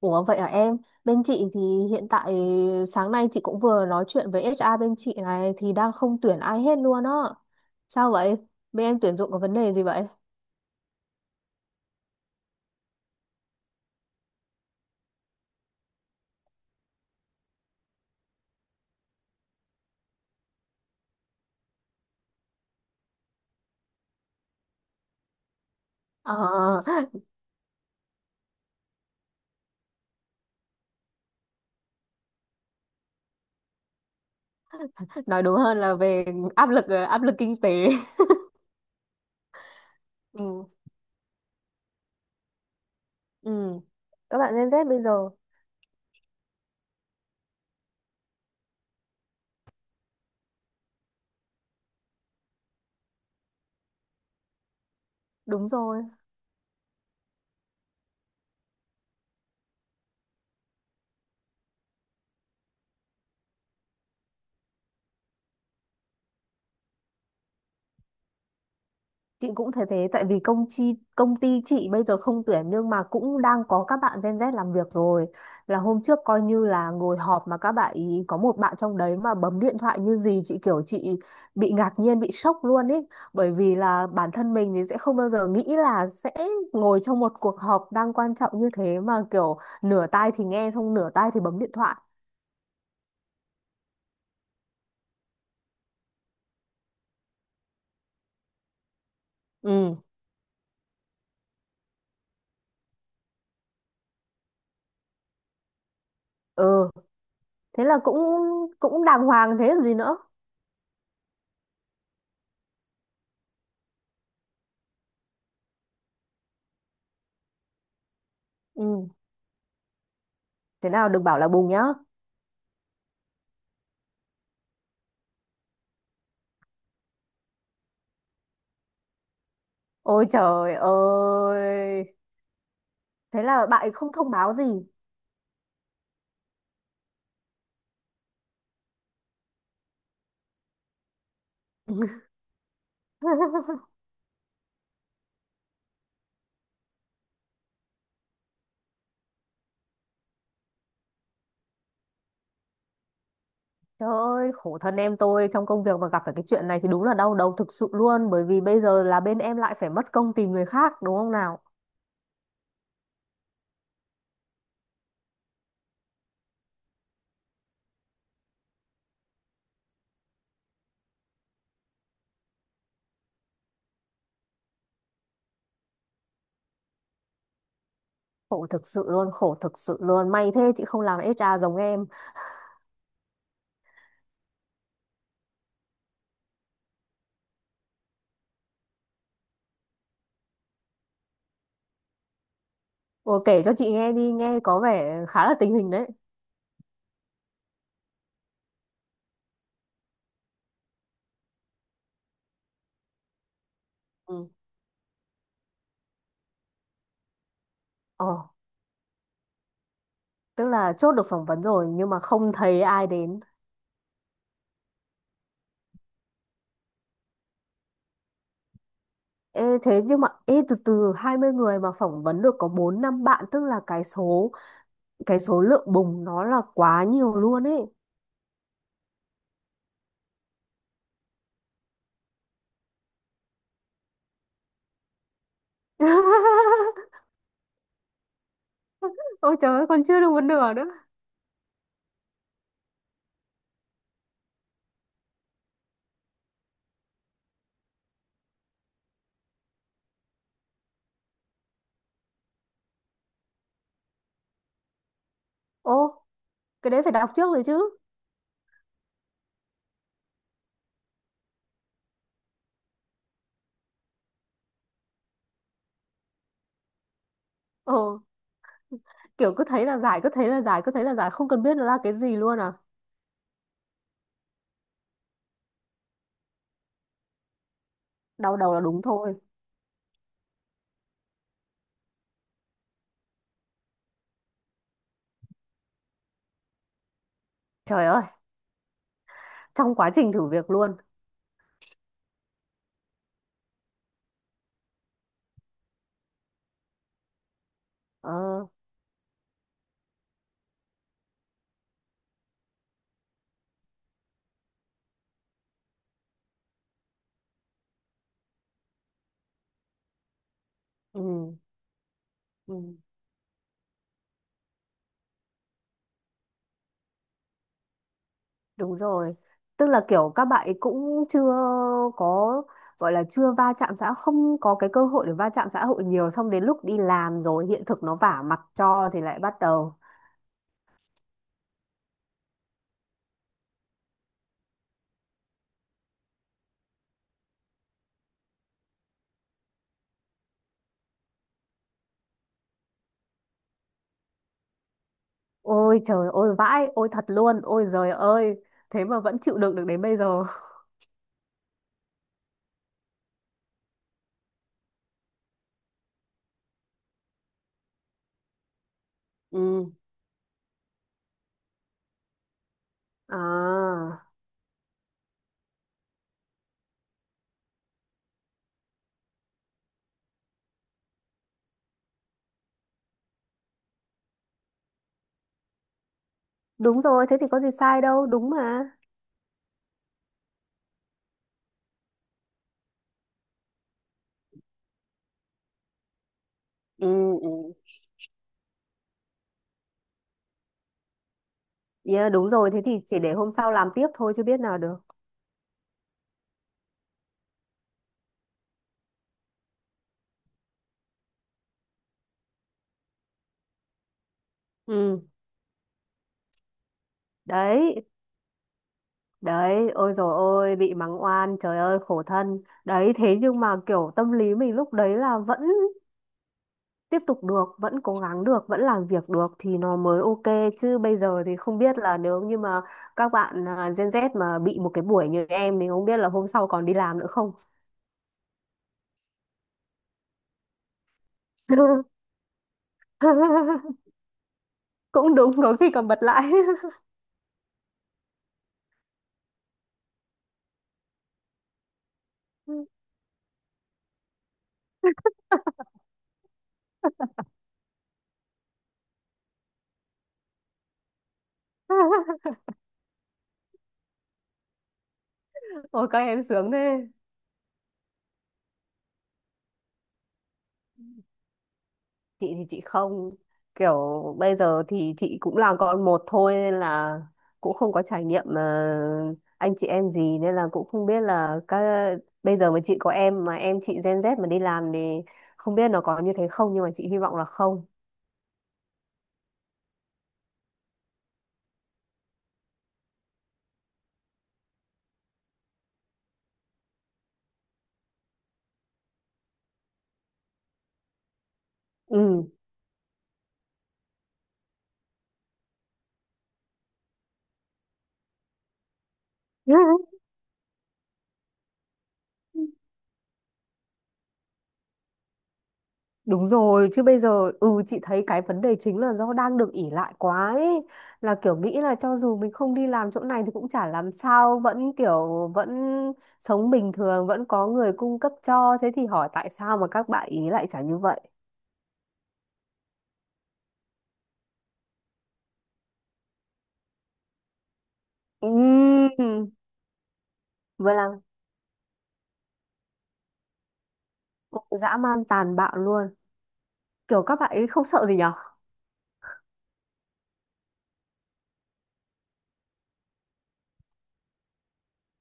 Ủa vậy à em? Bên chị thì hiện tại sáng nay chị cũng vừa nói chuyện với HR bên chị này thì đang không tuyển ai hết luôn á. Sao vậy? Bên em tuyển dụng có vấn đề gì vậy? Ờ, nói đúng hơn là về áp lực kinh tế. Ừ, ừ, các bạn Gen Z bây giờ đúng rồi. Chị cũng thấy thế tại vì công ty chị bây giờ không tuyển nhưng mà cũng đang có các bạn Gen Z làm việc rồi. Là hôm trước coi như là ngồi họp mà các bạn ý có một bạn trong đấy mà bấm điện thoại như gì chị kiểu chị bị ngạc nhiên bị sốc luôn ý bởi vì là bản thân mình thì sẽ không bao giờ nghĩ là sẽ ngồi trong một cuộc họp đang quan trọng như thế mà kiểu nửa tai thì nghe xong nửa tai thì bấm điện thoại. Ừ, ừ, thế là cũng cũng đàng hoàng thế còn gì nữa. Ừ, thế nào đừng bảo là bùng nhá. Ôi trời ơi. Thế là bạn ấy không thông báo gì. Trời ơi, khổ thân em tôi, trong công việc mà gặp phải cái chuyện này thì đúng là đau đầu thực sự luôn, bởi vì bây giờ là bên em lại phải mất công tìm người khác đúng không nào? Khổ thực sự luôn, khổ thực sự luôn. May thế chị không làm HR giống em. Ồ, kể cho chị nghe đi, nghe có vẻ khá là tình hình đấy. Ừ. Ồ, tức là chốt được phỏng vấn rồi nhưng mà không thấy ai đến. Ê, thế nhưng mà ê, từ từ, 20 người mà phỏng vấn được có 4 5 bạn, tức là cái số lượng bùng nó là quá nhiều luôn ấy. Ôi trời ơi, còn chưa được một nửa nữa. Ô, cái đấy phải đọc trước rồi chứ. ờ kiểu cứ thấy là giải, cứ thấy là giải, cứ thấy là giải, không cần biết nó là cái gì luôn à. Đau đầu là đúng thôi. Trời ơi, trong quá trình thử việc luôn. ờ ừ, ừ, đúng rồi, tức là kiểu các bạn ấy cũng chưa có gọi là chưa va chạm xã, không có cái cơ hội để va chạm xã hội nhiều, xong đến lúc đi làm rồi hiện thực nó vả mặt cho thì lại bắt đầu. Ôi trời ôi vãi, ôi thật luôn, ôi giời ơi, thế mà vẫn chịu đựng được đến bây giờ. Ừ. À, đúng rồi, thế thì có gì sai đâu, đúng mà. Ừ, ừ. Yeah, đúng rồi, thế thì chỉ để hôm sau làm tiếp thôi chứ biết nào được. Ừ. Đấy, đấy, ôi rồi ôi, bị mắng oan, trời ơi khổ thân. Đấy, thế nhưng mà kiểu tâm lý mình lúc đấy là vẫn tiếp tục được, vẫn cố gắng được, vẫn làm việc được thì nó mới ok, chứ bây giờ thì không biết là nếu như mà các bạn Gen Z mà bị một cái buổi như em thì không biết là hôm sau còn đi làm nữa không. Cũng đúng, có khi còn bật lại. Ôi các em sướng thế. Chị thì chị không, kiểu bây giờ thì chị cũng là con một thôi nên là cũng không có trải nghiệm anh chị em gì, nên là cũng không biết là các, bây giờ mà chị có em mà em chị Gen Z mà đi làm thì không biết nó có như thế không, nhưng mà chị hy vọng là không. Ừ. Đúng rồi, chứ bây giờ ừ chị thấy cái vấn đề chính là do đang được ỷ lại quá ấy. Là kiểu nghĩ là cho dù mình không đi làm chỗ này thì cũng chả làm sao, vẫn kiểu vẫn sống bình thường, vẫn có người cung cấp cho. Thế thì hỏi tại sao mà các bạn ý lại chả như vậy? Ừm. Vừa là dã man tàn bạo luôn. Kiểu các bạn ấy không sợ gì nhở?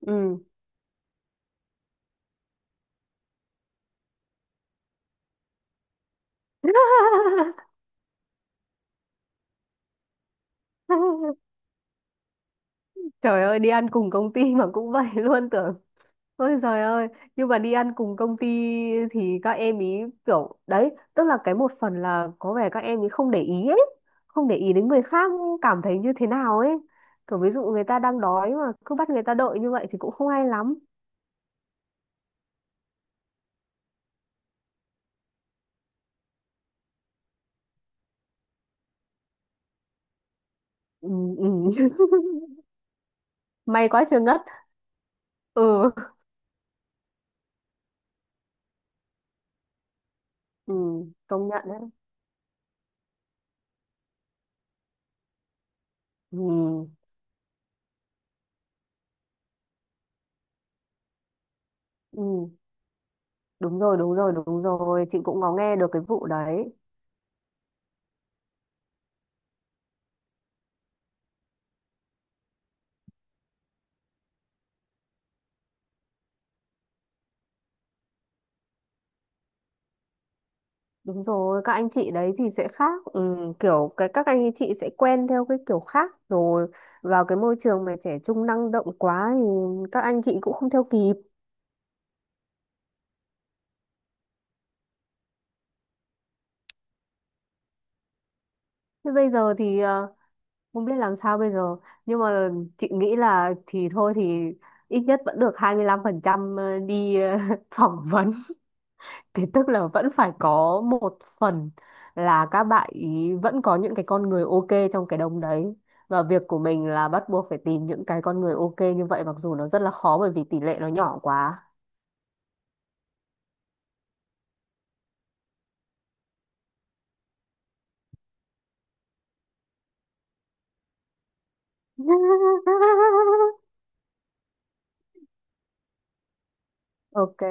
Ừ. Trời ơi, đi ăn cùng công ty mà cũng vậy luôn tưởng. Ôi giời ơi, nhưng mà đi ăn cùng công ty thì các em ý kiểu đấy, tức là cái một phần là có vẻ các em ý không để ý ấy, không để ý đến người khác cảm thấy như thế nào ấy. Kiểu ví dụ người ta đang đói mà cứ bắt người ta đợi như vậy thì cũng không hay lắm. Ừ, ừ. May quá chưa ngất. Ừ, ừ, công nhận đấy. Ừ, ừ, đúng rồi, đúng rồi, đúng rồi, chị cũng có nghe được cái vụ đấy. Đúng rồi, các anh chị đấy thì sẽ khác, ừ, kiểu cái các anh chị sẽ quen theo cái kiểu khác rồi, vào cái môi trường mà trẻ trung năng động quá thì các anh chị cũng không theo kịp. Thế bây giờ thì không biết làm sao bây giờ, nhưng mà chị nghĩ là thì thôi thì ít nhất vẫn được 25% đi phỏng vấn. Thì tức là vẫn phải có một phần là các bạn ý vẫn có những cái con người ok trong cái đống đấy. Và việc của mình là bắt buộc phải tìm những cái con người ok như vậy, mặc dù nó rất là khó bởi vì tỷ lệ nó nhỏ quá. Ok.